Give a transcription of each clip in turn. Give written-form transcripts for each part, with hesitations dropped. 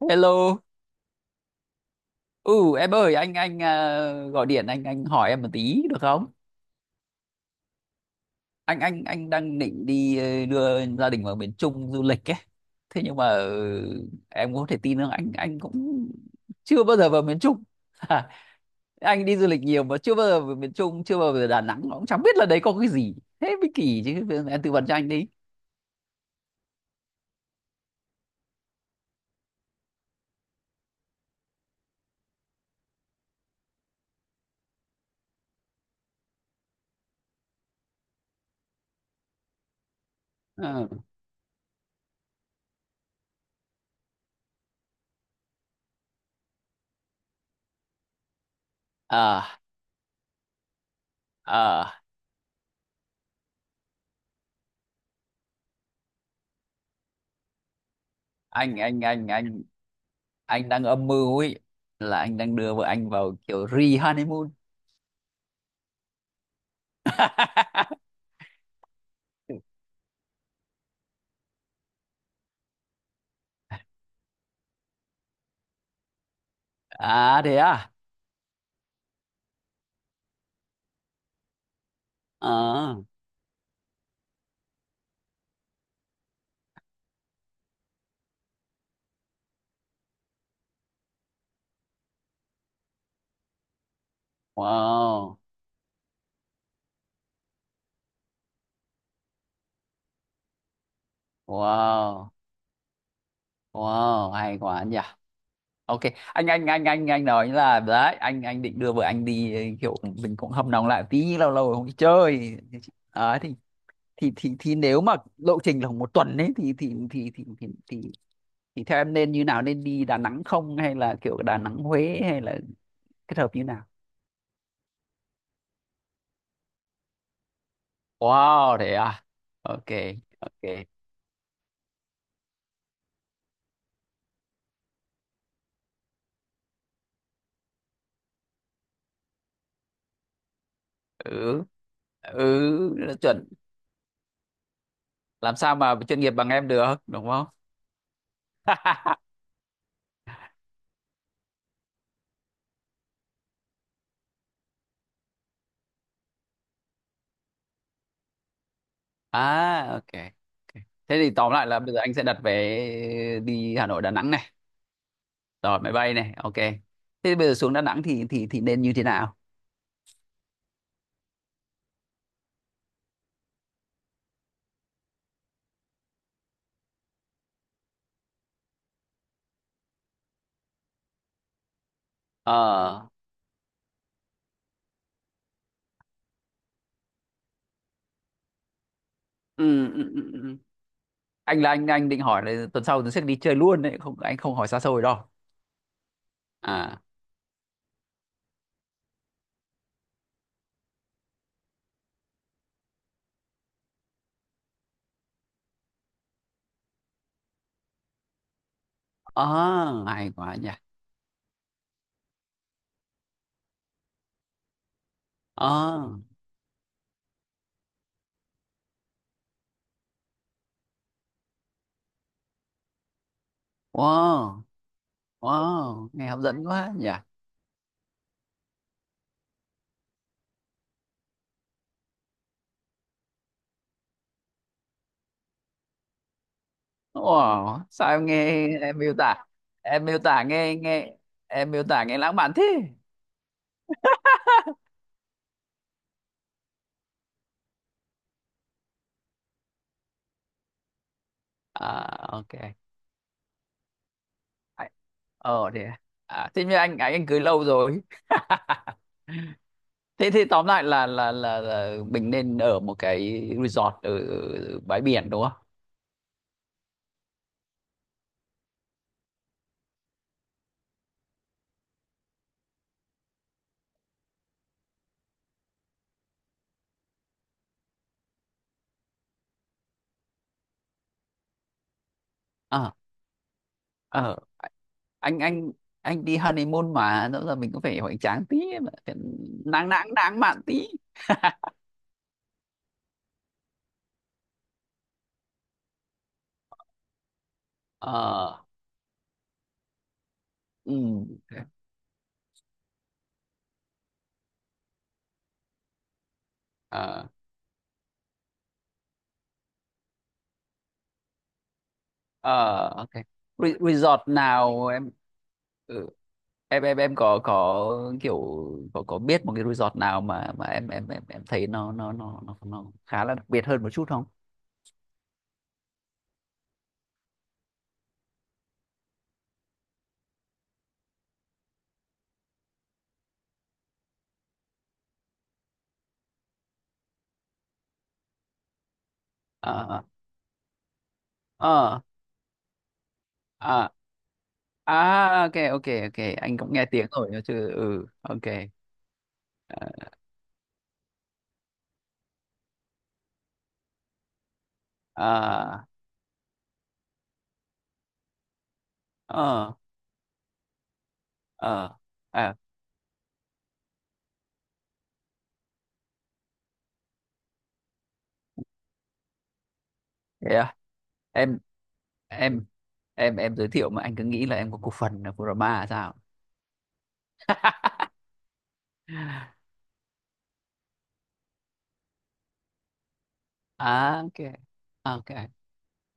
Hello. Ừ, em ơi anh à, gọi điện anh hỏi em một tí được không? Anh đang định đi đưa gia đình vào miền Trung du lịch ấy. Thế nhưng mà em có thể tin không? Anh cũng chưa bao giờ vào miền Trung. Anh đi du lịch nhiều mà chưa bao giờ vào miền Trung, chưa bao giờ vào Đà Nẵng, cũng chẳng biết là đấy có cái gì. Thế mới kỳ chứ. Em tư vấn cho anh đi. Ờ. à à anh anh anh anh anh đang âm mưu ấy, là anh đang đưa vợ anh vào kiểu re honeymoon. À thế à? Ờ, wow, wow, wow, hay quá nhỉ. Ok, anh nói là đấy, anh định đưa vợ anh đi kiểu mình cũng hâm nóng lại tí, lâu lâu rồi không đi chơi. Đấy thì, nếu mà lộ trình là một tuần ấy thì theo em nên như nào, nên đi Đà Nẵng không hay là kiểu Đà Nẵng Huế hay là kết hợp như nào? Wow, thế à? Ok, ok. Ừ. Ừ, chuẩn, làm sao mà chuyên nghiệp bằng em được đúng không. À, ok, ok. Thế thì tóm lại là bây giờ anh sẽ đặt vé đi Hà Nội Đà Nẵng này rồi, máy bay này, ok, thế thì bây giờ xuống Đà Nẵng thì nên như thế nào? Ờ, ừ, ừ, ừ, ừ. Ừ. Anh là, anh định hỏi là tuần sau tôi sẽ đi chơi luôn đấy, không, anh không hỏi xa xôi đâu. À, ờ, hay quá nhỉ. Ờ, wow, wow, nghe hấp dẫn quá nhỉ. Ủa, sao em nghe em miêu tả, em miêu tả nghe, em miêu tả nghe lãng mạn thế. À, ok. Ai- thế à, à thế như anh cưới lâu rồi. Thế thì tóm lại là, là mình nên ở một cái resort ở ở bãi biển đúng không? Ờ, ờ, anh anh anh đi honeymoon mà rõ ràng mình cũng phải hoành tráng tí, mà phải nắng nắng nắng mạn tí. Ờ, ừ, ờ, ok. Resort nào em, ừ, em có, kiểu có biết một cái resort nào mà em thấy nó khá là đặc biệt hơn một chút không? Ờ, ờ, à, à, ok, ok, ok, anh cũng nghe tiếng rồi nhớ chứ, ừ, ok. Ờ, ờ, ờ, à thế à? em em em giới thiệu mà anh cứ nghĩ là em có cổ phần ở Brahma sao. À, ok, ok,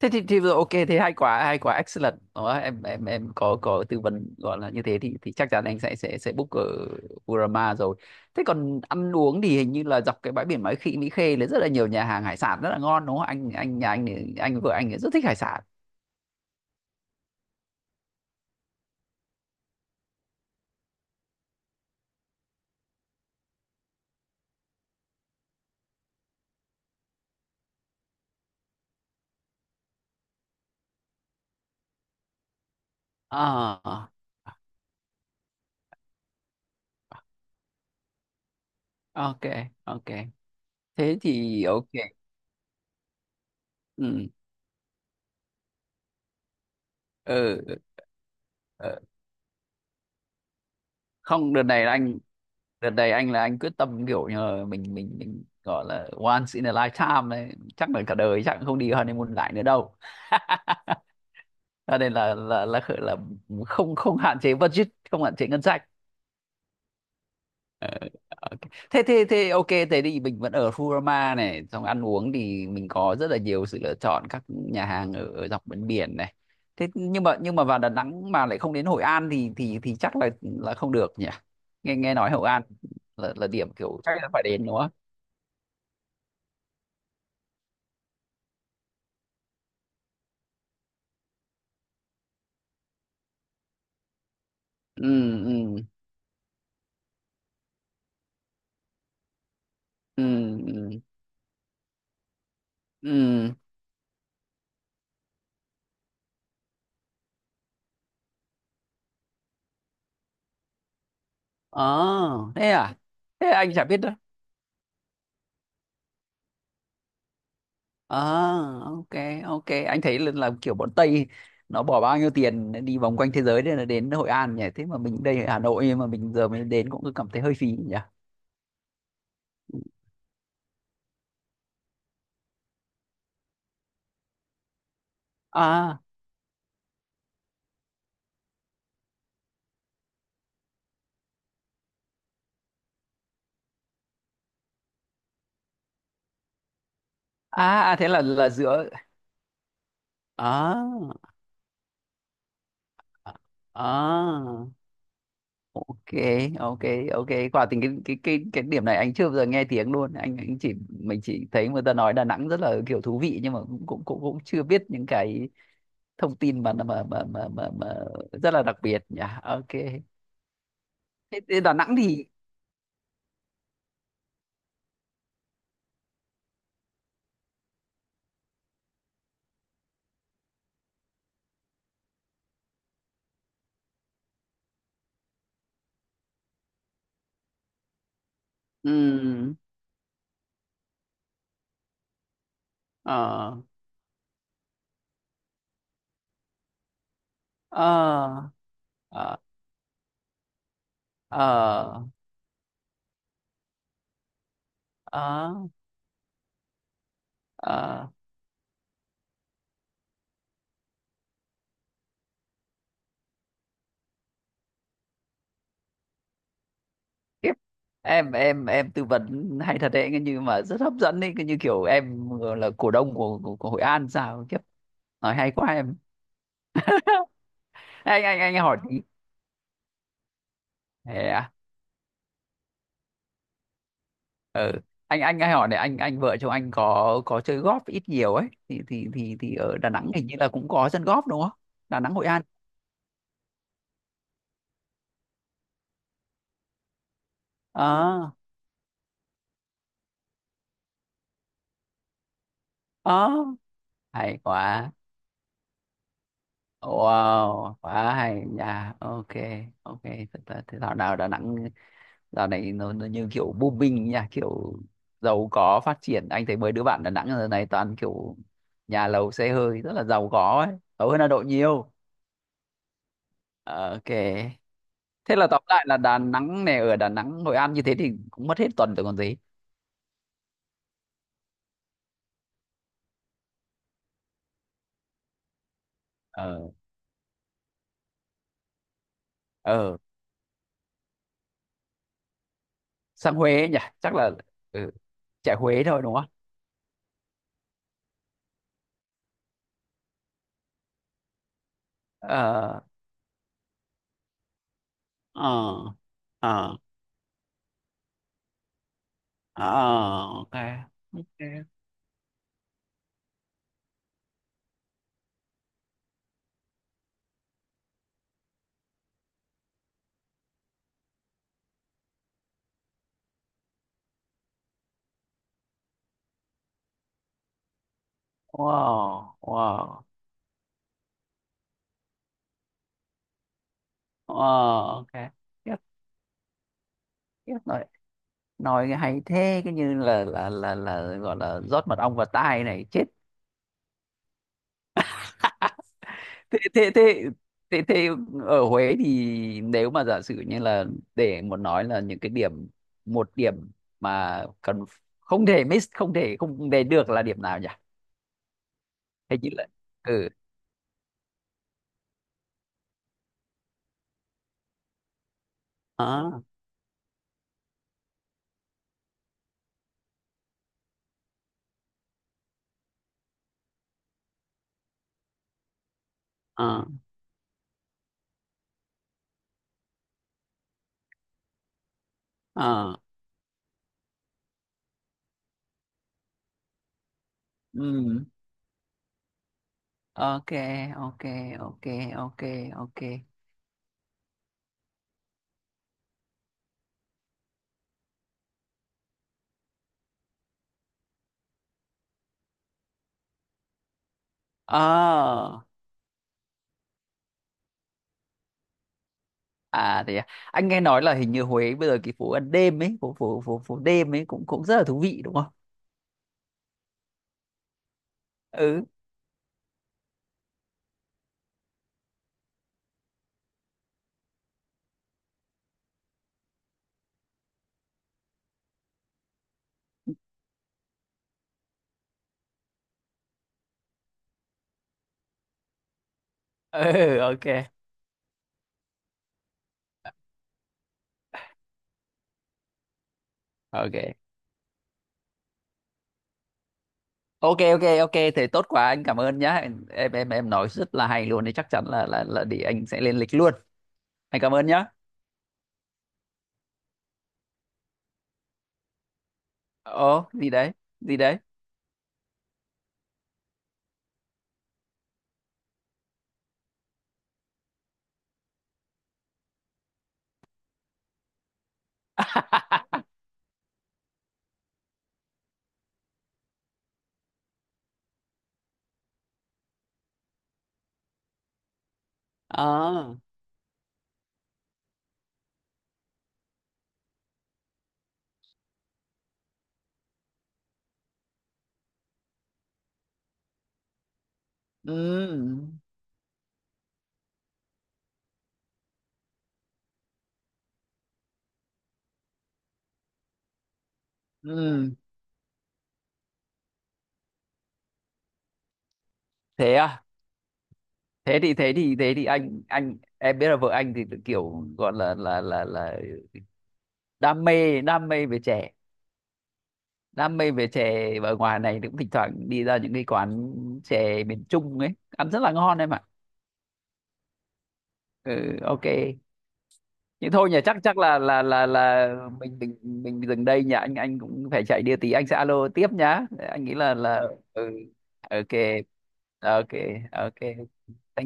thế thì vừa ok thế hay quá, hay quá, excellent đó em có, tư vấn gọi là như thế thì chắc chắn anh sẽ book ở Kurama rồi. Thế còn ăn uống thì hình như là dọc cái bãi biển Mỹ Khê, là rất là nhiều nhà hàng hải sản rất là ngon đúng không? Anh nhà anh thì anh, vợ anh thì rất thích hải sản. À, ok, ok, thế thì ok, ừ, ừ, ờ, không, đợt này là anh, đợt này anh là anh quyết tâm kiểu như là mình gọi là once in a lifetime đấy, chắc là cả đời chắc cũng không đi honeymoon lại nữa đâu. Cho nên là, không không hạn chế budget, không hạn chế ngân sách. Ờ, ok. thế thế thế ok, thế thì mình vẫn ở Furama này, xong ăn uống thì mình có rất là nhiều sự lựa chọn các nhà hàng ở, dọc bên biển này. Thế nhưng mà, vào Đà Nẵng mà lại không đến Hội An thì chắc là không được nhỉ. Nghe nghe nói Hội An là điểm kiểu chắc là phải đến đúng không? Ừ, ừ, ừ, ừ, ừ, ờ, thế à, thế anh chả biết đâu. Ờ, ok, ok, anh thấy là kiểu bọn Tây nó bỏ bao nhiêu tiền đi vòng quanh thế giới để là đến Hội An nhỉ, thế mà mình đây ở Hà Nội nhưng mà mình giờ mới đến cũng cứ cảm thấy hơi phí nhỉ. À, à, à, thế là giữa. À, à, ok, ok, ok, quả tình cái điểm này anh chưa bao giờ nghe tiếng luôn, anh chỉ mình chỉ thấy người ta nói Đà Nẵng rất là kiểu thú vị nhưng mà cũng chưa biết những cái thông tin mà, mà rất là đặc biệt nhỉ, ok. Thế Đà Nẵng thì, ừm, ờ, ờ, ờ, ờ, ờ, ờ. Khiếp. Em tư vấn hay thật đấy, cái như mà rất hấp dẫn đấy, cái như kiểu em là cổ đông của của Hội An sao, kiếp, nói hay quá em. Anh hỏi tí. Thế à? Ừ. anh hay hỏi này, anh, vợ chồng anh có chơi golf ít nhiều ấy thì ở Đà Nẵng hình như là cũng có sân golf đúng không? Đà Nẵng Hội An. Ờ, ờ, hay quá, wow, quá hay nha, ok, ok, thật là thế dạo nào Đà Nẵng, dạo này nó như kiểu booming nha, kiểu giàu có phát triển, anh thấy mấy đứa bạn Đà Nẵng giờ này toàn kiểu nhà lầu xe hơi rất là giàu có ấy, giàu hơn Hà Nội nhiều. Ờ, ok. Thế là tóm lại là Đà Nẵng này, ở Đà Nẵng Hội An như thế thì cũng mất hết tuần rồi còn gì. Ờ, ờ, sang Huế nhỉ, chắc là, ừ, chạy Huế thôi đúng không? Ờ, ờ, ờ, ờ, ok, ok, wow, wow, wow, ok. Tiếp, tiếp rồi, nói hay thế, cái như là gọi là rót mật ong vào tai này, chết. thế thế thế thế thế ở Huế thì, nếu mà giả sử như là, để một nói là những cái điểm, một điểm mà cần, không thể miss, không thể không để được là điểm nào nhỉ, hay chỉ là. Ừ, ờ, ờ, ờ, ừ, ok, ok, ok, ok, ok, ờ, à thế à. Anh nghe nói là hình như Huế bây giờ cái phố ăn đêm ấy, phố phố đêm ấy cũng cũng rất là thú vị đúng không? Ừ, ừ, ok, ok, ok, ok, ok, thế tốt quá, anh cảm ơn nhá. Em nói rất là hay luôn đấy, chắc chắn là để anh sẽ lên lịch luôn, anh cảm ơn nhá. Ồ, gì đấy, gì đấy. À, ừ, ừ, thế à. Thế thì anh em biết là vợ anh thì kiểu gọi là, đam mê, đam mê về chè, đam mê về chè ở ngoài này thì cũng thỉnh thoảng đi ra những cái quán chè miền Trung ấy ăn rất là ngon em ạ. Ừ, ok. Nhưng thôi nhỉ, chắc chắc là mình mình mình dừng đây nhỉ, anh cũng phải chạy đi tí, anh sẽ alo tiếp nhá, anh nghĩ là. Ờ. Ừ, ok, ok, ok, thank you.